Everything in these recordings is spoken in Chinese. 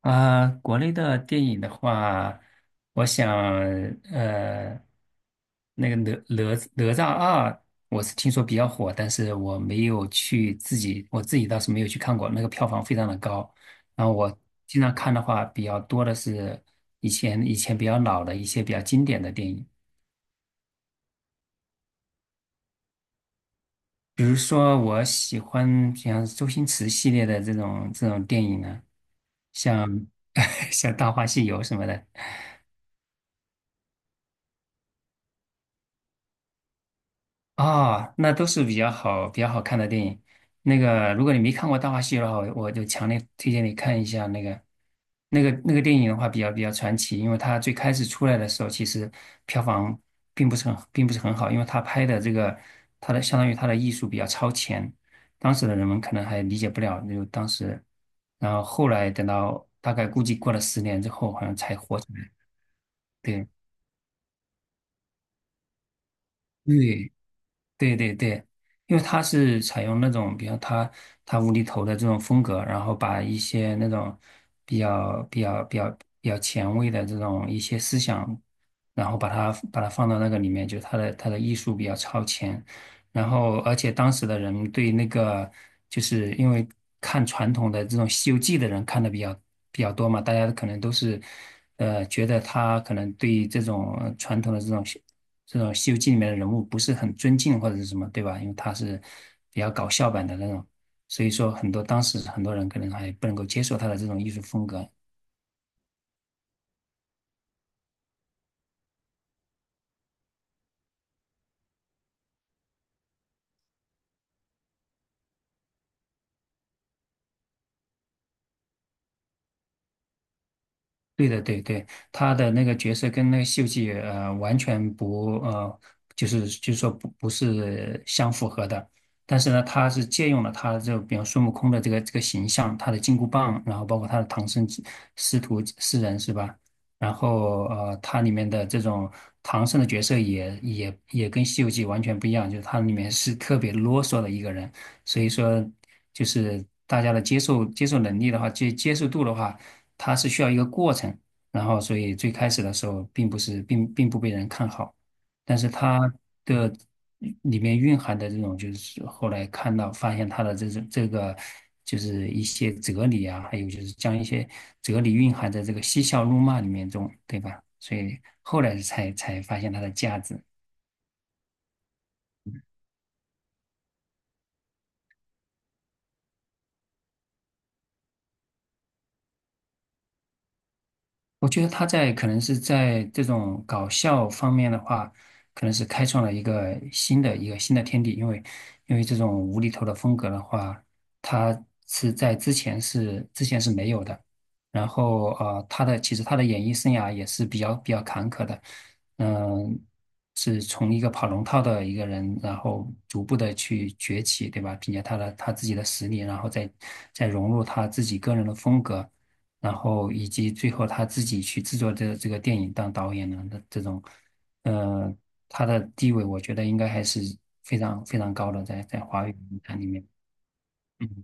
啊，国内的电影的话，我想，呃，那个哪哪哪吒2，我是听说比较火，但是我没有去自己，我自己倒是没有去看过，那个票房非常的高。然后我经常看的话，比较多的是以前比较老的一些比较经典的电影，比如说我喜欢像周星驰系列的这种电影呢，像 像《大话西游》什么的。啊，那都是比较好、比较好看的电影。那个，如果你没看过《大话西游》的话，我就强烈推荐你看一下那个电影的话，比较传奇，因为它最开始出来的时候，其实票房并不是很好，因为它拍的这个，它的相当于它的艺术比较超前，当时的人们可能还理解不了，就当时，然后后来等到大概估计过了10年之后，好像才火起来。对，对，对对对，因为他是采用那种，比如他无厘头的这种风格，然后把一些那种比较比较比较比较前卫的这种一些思想，然后把它放到那个里面，就他的艺术比较超前，然后而且当时的人对那个就是因为看传统的这种《西游记》的人看的比较多嘛，大家可能都是觉得他可能对这种传统的这种。这种《西游记》里面的人物不是很尊敬或者是什么，对吧？因为他是比较搞笑版的那种，所以说很多当时很多人可能还不能够接受他的这种艺术风格，对的，对对，他的那个角色跟那个西游记》完全不，就是说不是相符合的。但是呢，他是借用了他的这个比方孙悟空的这个形象，他的金箍棒，然后包括他的唐僧师徒四人是吧？然后他里面的这种唐僧的角色也跟《西游记》完全不一样，就是它里面是特别啰嗦的一个人，所以说就是大家的接受能力的话，接受度的话。它是需要一个过程。然后，所以最开始的时候，并不是并不被人看好，但是它的里面蕴含的这种，就是后来看到发现它的这个，就是一些哲理啊，还有就是将一些哲理蕴含在这个嬉笑怒骂里面中，对吧？所以后来才发现它的价值。我觉得他可能是在这种搞笑方面的话，可能是开创了一个新的天地，因为这种无厘头的风格的话，他是在之前是没有的。然后其实他的演艺生涯也是比较坎坷的，嗯、是从一个跑龙套的一个人，然后逐步的去崛起，对吧？凭借他的他自己的实力，然后再融入他自己个人的风格。然后以及最后他自己去制作这个电影当导演的那这种，呃，他的地位我觉得应该还是非常非常高的，在华语影坛里面。嗯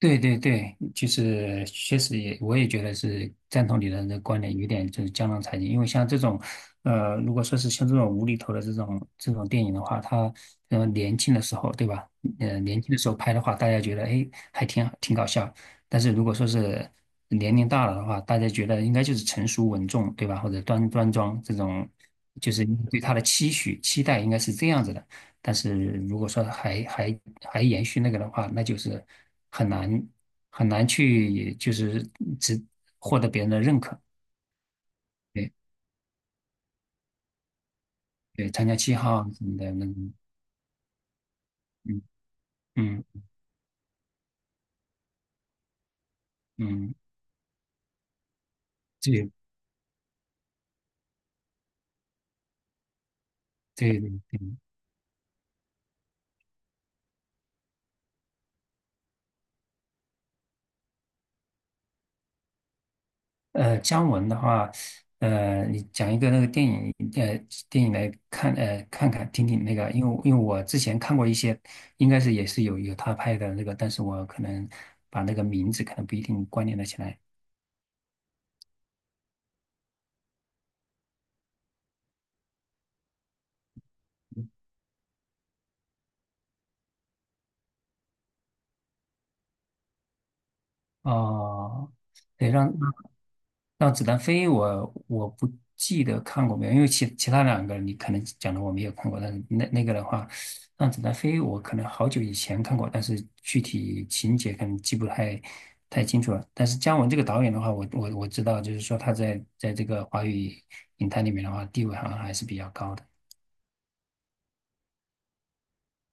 对对对，就是确实也，我也觉得是赞同你的这个观点，有点就是江郎才尽。因为像这种，如果说是像这种无厘头的这种电影的话，他年轻的时候，对吧？年轻的时候拍的话，大家觉得哎还挺搞笑。但是如果说是年龄大了的话，大家觉得应该就是成熟稳重，对吧？或者端庄这种，就是对他的期许期待应该是这样子的。但是如果说还延续那个的话，那就是很难很难去就是只获得别人的认可。对对，参加7号啊什么的，那个嗯嗯嗯，对对对对。姜文的话，你讲一个那个电影，电影来看，看看听听那个，因为我之前看过一些，应该是也是有他拍的那个，但是我可能把那个名字可能不一定关联得起来。哦，对，让子弹飞我不记得看过没有，因为其他两个你可能讲的我没有看过，但是那个的话，让子弹飞我可能好久以前看过，但是具体情节可能记不太清楚了。但是姜文这个导演的话，我知道，就是说他在这个华语影坛里面的话，地位好像还是比较高的。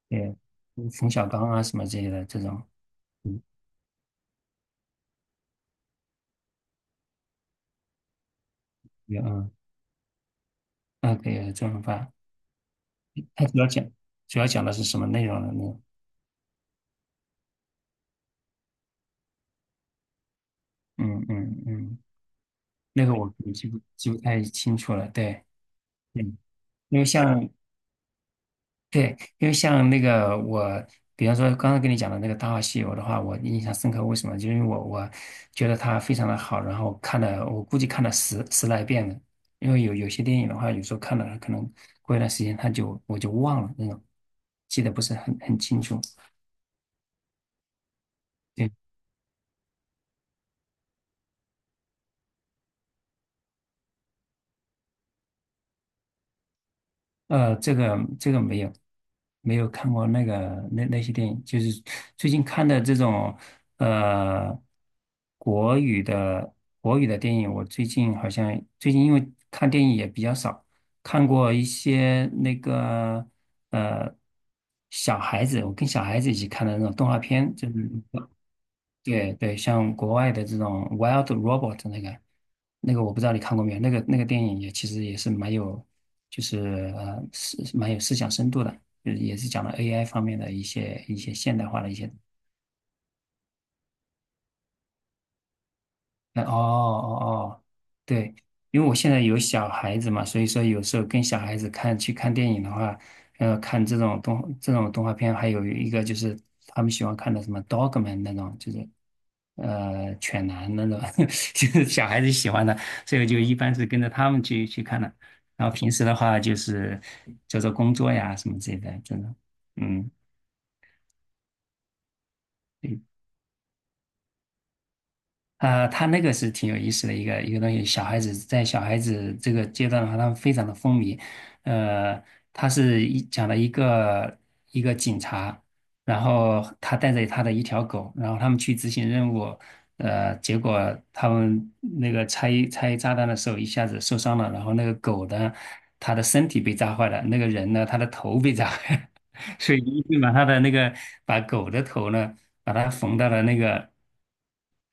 对，冯小刚啊什么之类的这种，嗯，有，那个周润发，他主要讲的是什么内容呢？嗯嗯嗯，那个我记不太清楚了。对，嗯，因为像对，因为像那个我，比方说刚刚跟你讲的那个《大话西游》的话，我印象深刻。为什么？就是因为我觉得它非常的好，然后看了我估计看了十来遍了。因为有些电影的话，有时候看了可能过一段时间它就我就忘了那种，记得不是很清楚。对。这个没有，没有看过那个那些电影，就是最近看的这种呃国语的国语的电影，我最近好像因为看电影也比较少，看过一些那个呃小孩子，我跟小孩子一起看的那种动画片，就是。对对，像国外的这种《Wild Robot》那个，那个我不知道你看过没有，那个电影也其实也是蛮有，就是蛮有思想深度的，就是也是讲了 AI 方面的一些现代化的一些那哦哦哦，对，因为我现在有小孩子嘛，所以说有时候跟小孩子去看电影的话，看这种动画片，还有一个就是他们喜欢看的什么《Dogman》那种，就是犬男那种，就是小孩子喜欢的，所以我就一般是跟着他们去看的。然后平时的话就是做做工作呀什么之类的，真的，嗯。啊，他那个是挺有意思的一个东西。小孩子这个阶段的话，他们非常的风靡。呃，他是讲了一个警察，然后他带着他的一条狗，然后他们去执行任务。结果他们那个拆炸弹的时候一下子受伤了，然后那个狗呢，他的身体被炸坏了，那个人呢，他的头被炸 坏了。所水泥就把他的那个把狗的头呢，把它缝到了那个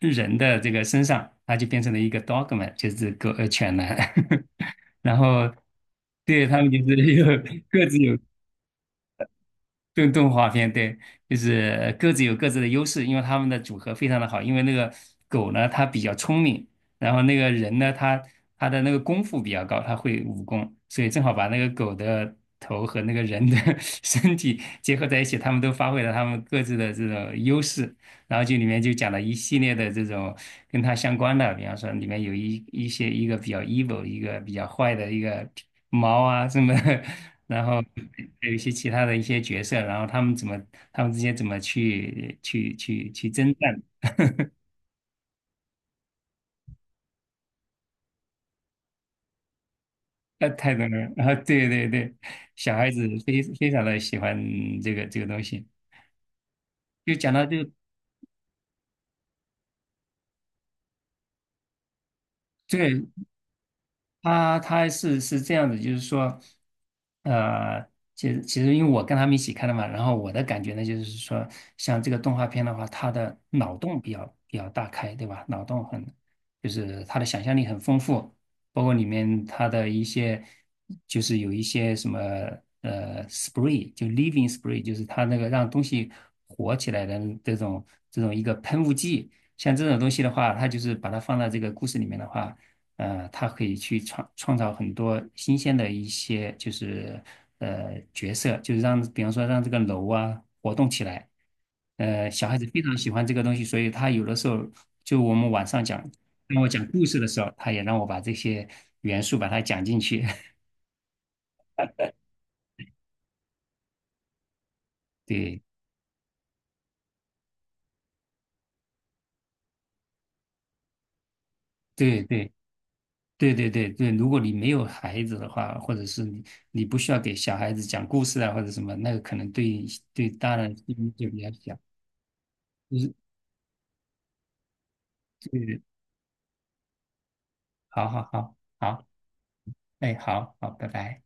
人的这个身上，它就变成了一个 dogman,就是狗犬男。然后对他们就是有各自有动画片，对，就是各自有各自的优势，因为他们的组合非常的好。因为那个狗呢，它比较聪明，然后那个人呢，他的那个功夫比较高，他会武功，所以正好把那个狗的头和那个人的 身体结合在一起，他们都发挥了他们各自的这种优势。然后就里面就讲了一系列的这种跟他相关的，比方说里面有一个比较 evil,一个比较坏的一个猫啊什么的，然后还有一些其他的一些角色，然后他们之间怎么去征战，太多了，然后对对对，小孩子非常的喜欢这个东西，就讲到就个。他是这样子，就是说，呃，其实因为我跟他们一起看的嘛，然后我的感觉呢，就是说，像这个动画片的话，它的脑洞比较大开，对吧？脑洞很，就是它的想象力很丰富，包括里面它的一些，就是有一些什么spree 就 living spree,就是它那个让东西活起来的这种这种一个喷雾剂，像这种东西的话，它就是把它放到这个故事里面的话。他可以去创造很多新鲜的一些，就是角色，就是让，比方说让这个楼啊活动起来。小孩子非常喜欢这个东西，所以他有的时候就我们晚上讲，让我讲故事的时候，他也让我把这些元素把它讲进去。对对对对对对对，如果你没有孩子的话，或者是你不需要给小孩子讲故事啊，或者什么，那个可能对大人意义就比较小。就是对，好好好好。哎，好好，拜拜。